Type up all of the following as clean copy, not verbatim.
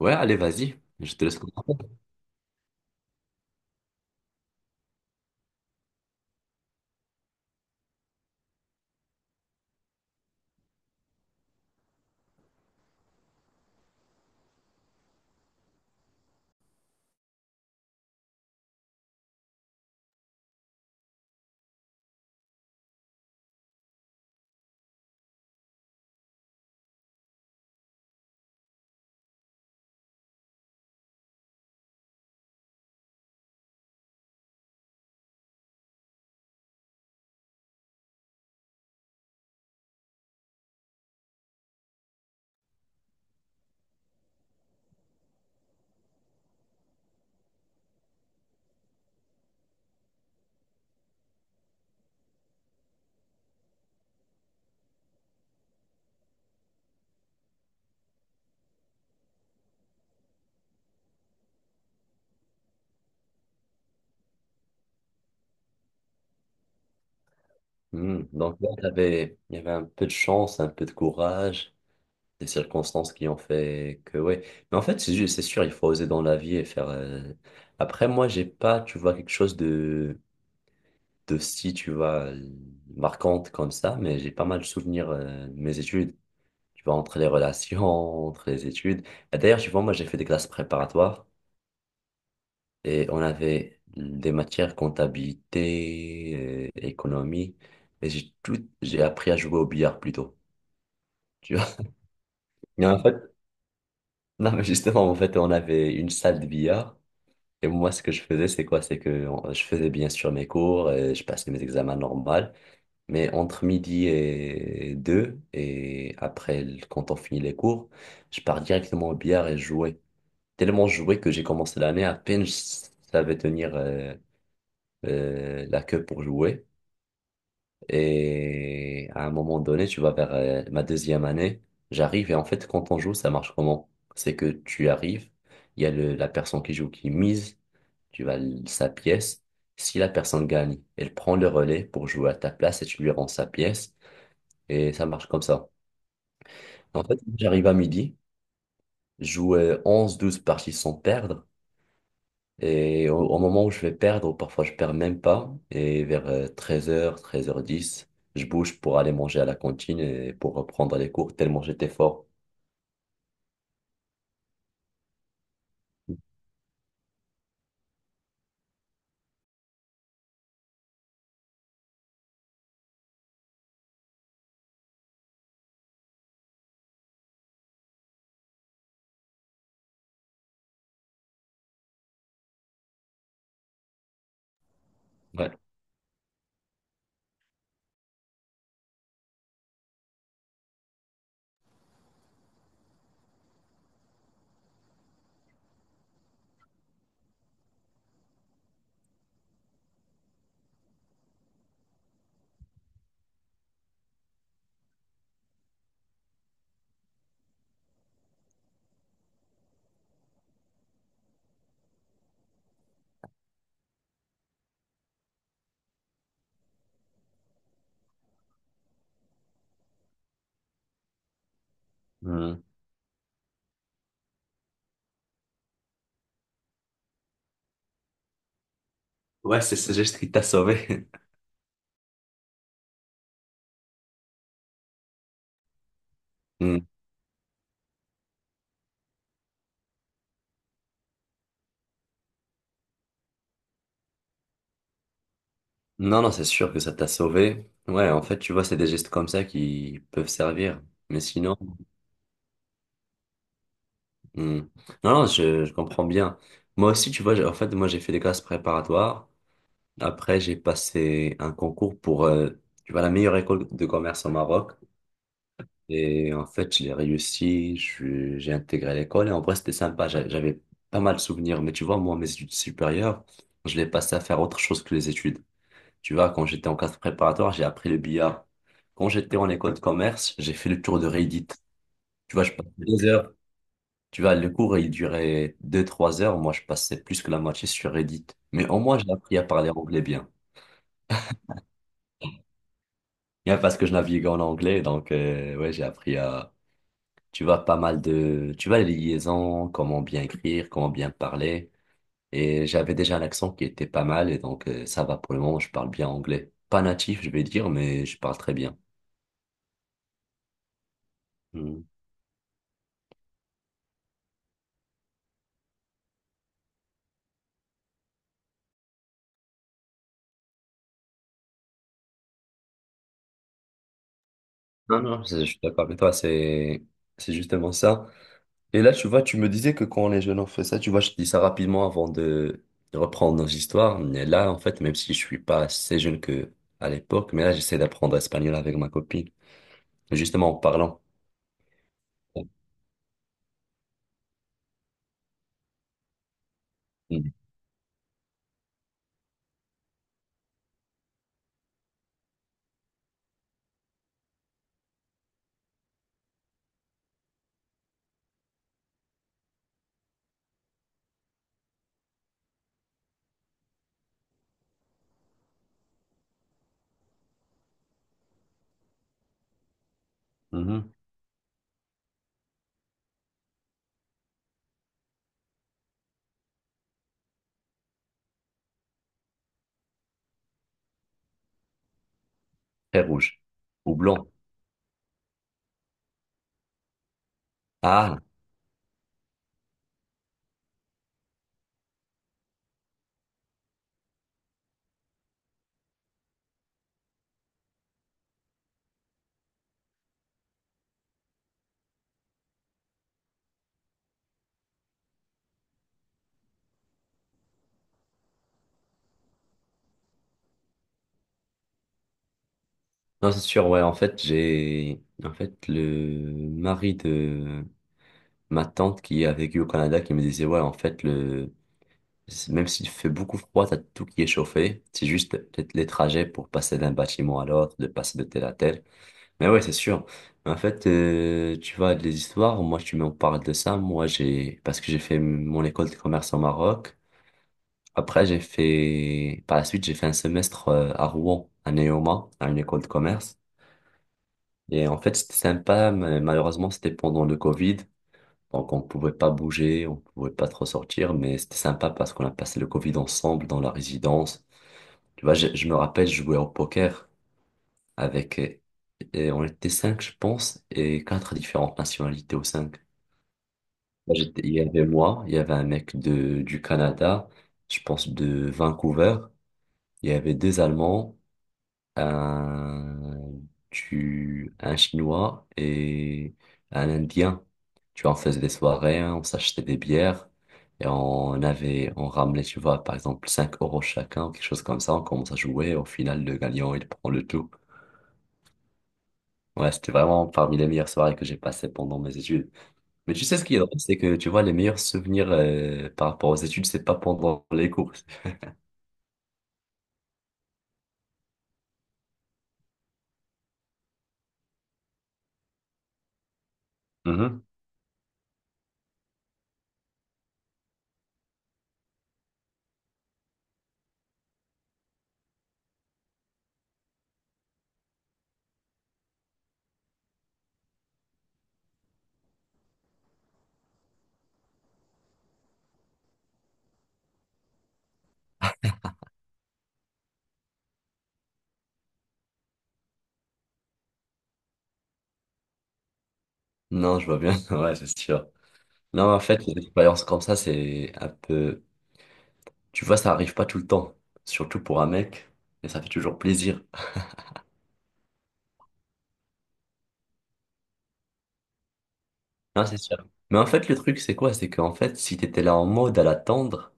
Ouais, allez, vas-y. Je te laisse commencer. Donc là, il y avait un peu de chance, un peu de courage, des circonstances qui ont fait que, ouais. Mais en fait, c'est sûr, il faut oser dans la vie et faire. Après, moi, j'ai pas, tu vois, quelque chose de si, tu vois, marquante comme ça, mais j'ai pas mal de souvenirs de mes études. Tu vois, entre les relations, entre les études. Et d'ailleurs, tu vois, moi, j'ai fait des classes préparatoires. Et on avait des matières comptabilité, économie, et j'ai appris à jouer au billard plutôt. Tu vois? Mais en fait, non, mais justement, en fait, on avait une salle de billard. Et moi, ce que je faisais, c'est quoi? C'est que je faisais bien sûr mes cours, et je passais mes examens normaux, mais entre midi et deux, et après, quand on finit les cours, je pars directement au billard et jouais. Tellement joué que j'ai commencé l'année, à peine je savais tenir la queue pour jouer. Et à un moment donné, tu vas vers ma deuxième année. J'arrive et en fait, quand on joue, ça marche comment? C'est que tu arrives, il y a la personne qui joue qui mise, tu vas sa pièce. Si la personne gagne, elle prend le relais pour jouer à ta place et tu lui rends sa pièce. Et ça marche comme ça. En fait, j'arrive à midi, je joue 11-12 parties sans perdre. Et au moment où je vais perdre, ou parfois je perds même pas, et vers 13 h, 13 h 10, je bouge pour aller manger à la cantine et pour reprendre les cours tellement j'étais fort. Ouais. Hmm. Ouais, c'est ce geste qui t'a sauvé. Hmm. Non, non, c'est sûr que ça t'a sauvé. Ouais, en fait, tu vois, c'est des gestes comme ça qui peuvent servir. Mais sinon. hmm. Non, non, je comprends bien. Moi aussi, tu vois, en fait, moi, j'ai fait des classes préparatoires. Après, j'ai passé un concours pour, tu vois, la meilleure école de commerce au Maroc. Et en fait, je l'ai réussi, j'ai intégré l'école et en vrai, c'était sympa. J'avais pas mal de souvenirs, mais tu vois, moi, mes études supérieures, je l'ai passé à faire autre chose que les études. Tu vois, quand j'étais en classe préparatoire, j'ai appris le billard. Quand j'étais en école de commerce, j'ai fait le tour de Reddit. Tu vois, je passais 2 heures. Tu vois, le cours, il durait 2, 3 heures. Moi, je passais plus que la moitié sur Reddit. Mais au moins, j'ai appris à parler anglais bien. Bien parce que je naviguais en anglais, donc, ouais, j'ai appris tu vois pas mal de, tu vois les liaisons, comment bien écrire, comment bien parler. Et j'avais déjà un accent qui était pas mal et donc ça va pour le moment, je parle bien anglais. Pas natif, je vais dire, mais je parle très bien. Mm. Non, non, je suis d'accord avec toi, c'est justement ça. Et là, tu vois, tu me disais que quand les jeunes ont fait ça, tu vois, je te dis ça rapidement avant de reprendre nos histoires. Mais là, en fait, même si je suis pas assez jeune que à l'époque, mais là, j'essaie d'apprendre espagnol avec ma copine, justement en parlant. Mhm. Mhm. Très rouge. Ou blanc. Ah, non, c'est sûr, ouais, en fait, en fait, le mari de ma tante qui a vécu au Canada qui me disait, ouais, en fait, même s'il fait beaucoup froid, t'as tout qui est chauffé. C'est juste peut-être les trajets pour passer d'un bâtiment à l'autre, de passer de tel à tel. Mais ouais, c'est sûr. En fait, tu vois, les histoires, moi, tu m'en parles de ça. Moi, parce que j'ai fait mon école de commerce au Maroc. Après, par la suite, j'ai fait un semestre à Rouen, à Neoma, à une école de commerce. Et en fait, c'était sympa, mais malheureusement, c'était pendant le Covid. Donc, on pouvait pas bouger, on pouvait pas trop sortir, mais c'était sympa parce qu'on a passé le Covid ensemble dans la résidence. Tu vois, je me rappelle, je jouais au poker avec, et on était cinq, je pense, et quatre différentes nationalités aux cinq. Là, Il y avait moi, il y avait un mec du Canada, je pense de Vancouver, il y avait deux Allemands, un, un Chinois et un Indien. Tu vois, on faisait des soirées, hein, on s'achetait des bières et on ramenait, tu vois, par exemple, 5 € chacun, quelque chose comme ça. On commence à jouer. Et au final, le gagnant, il prend le tout. Ouais, c'était vraiment parmi les meilleures soirées que j'ai passées pendant mes études. Mais tu sais ce qui est drôle, c'est que tu vois, les meilleurs souvenirs par rapport aux études, c'est pas pendant les cours. Mhm. Non, je vois bien. Ouais, c'est sûr. Non, en fait, les expériences comme ça, c'est un peu. Tu vois, ça arrive pas tout le temps, surtout pour un mec, et ça fait toujours plaisir. Non, c'est sûr. Mais en fait, le truc, c'est quoi? C'est qu'en fait, si t'étais là en mode à l'attendre,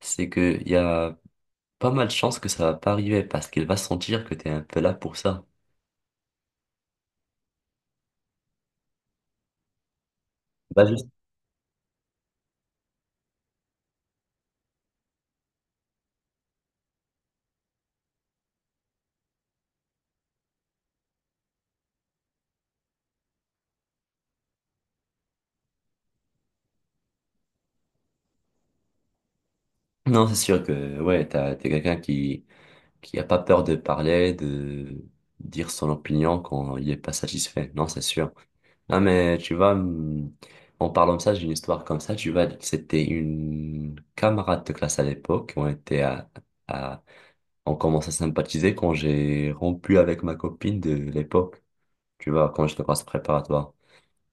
c'est que y a pas mal de chances que ça va pas arriver, parce qu'il va sentir que t'es un peu là pour ça. Bah, juste- Non, c'est sûr que, ouais, t'es quelqu'un qui a pas peur de parler, de dire son opinion quand il est pas satisfait. Non, c'est sûr. Non, mais tu vois, en parlant de ça, j'ai une histoire comme ça. Tu vois, c'était une camarade de classe à l'époque. On était à, on commence à sympathiser quand j'ai rompu avec ma copine de l'époque. Tu vois, quand j'étais en classe préparatoire.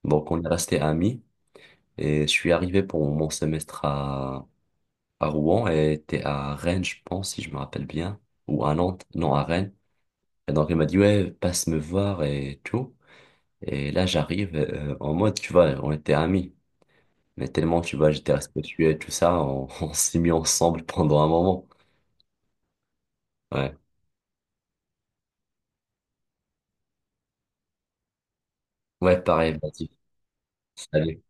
Donc, on est resté amis et je suis arrivé pour mon semestre à Rouen et était à Rennes, je pense, si je me rappelle bien. Ou à Nantes. Non, à Rennes. Donc il m'a dit, ouais, passe me voir et tout. Et là, j'arrive en mode, tu vois, on était amis. Mais tellement, tu vois, j'étais respectueux et tout ça, on, on s'est mis ensemble pendant un moment. Ouais, ouais, pareil, vas-y. Salut.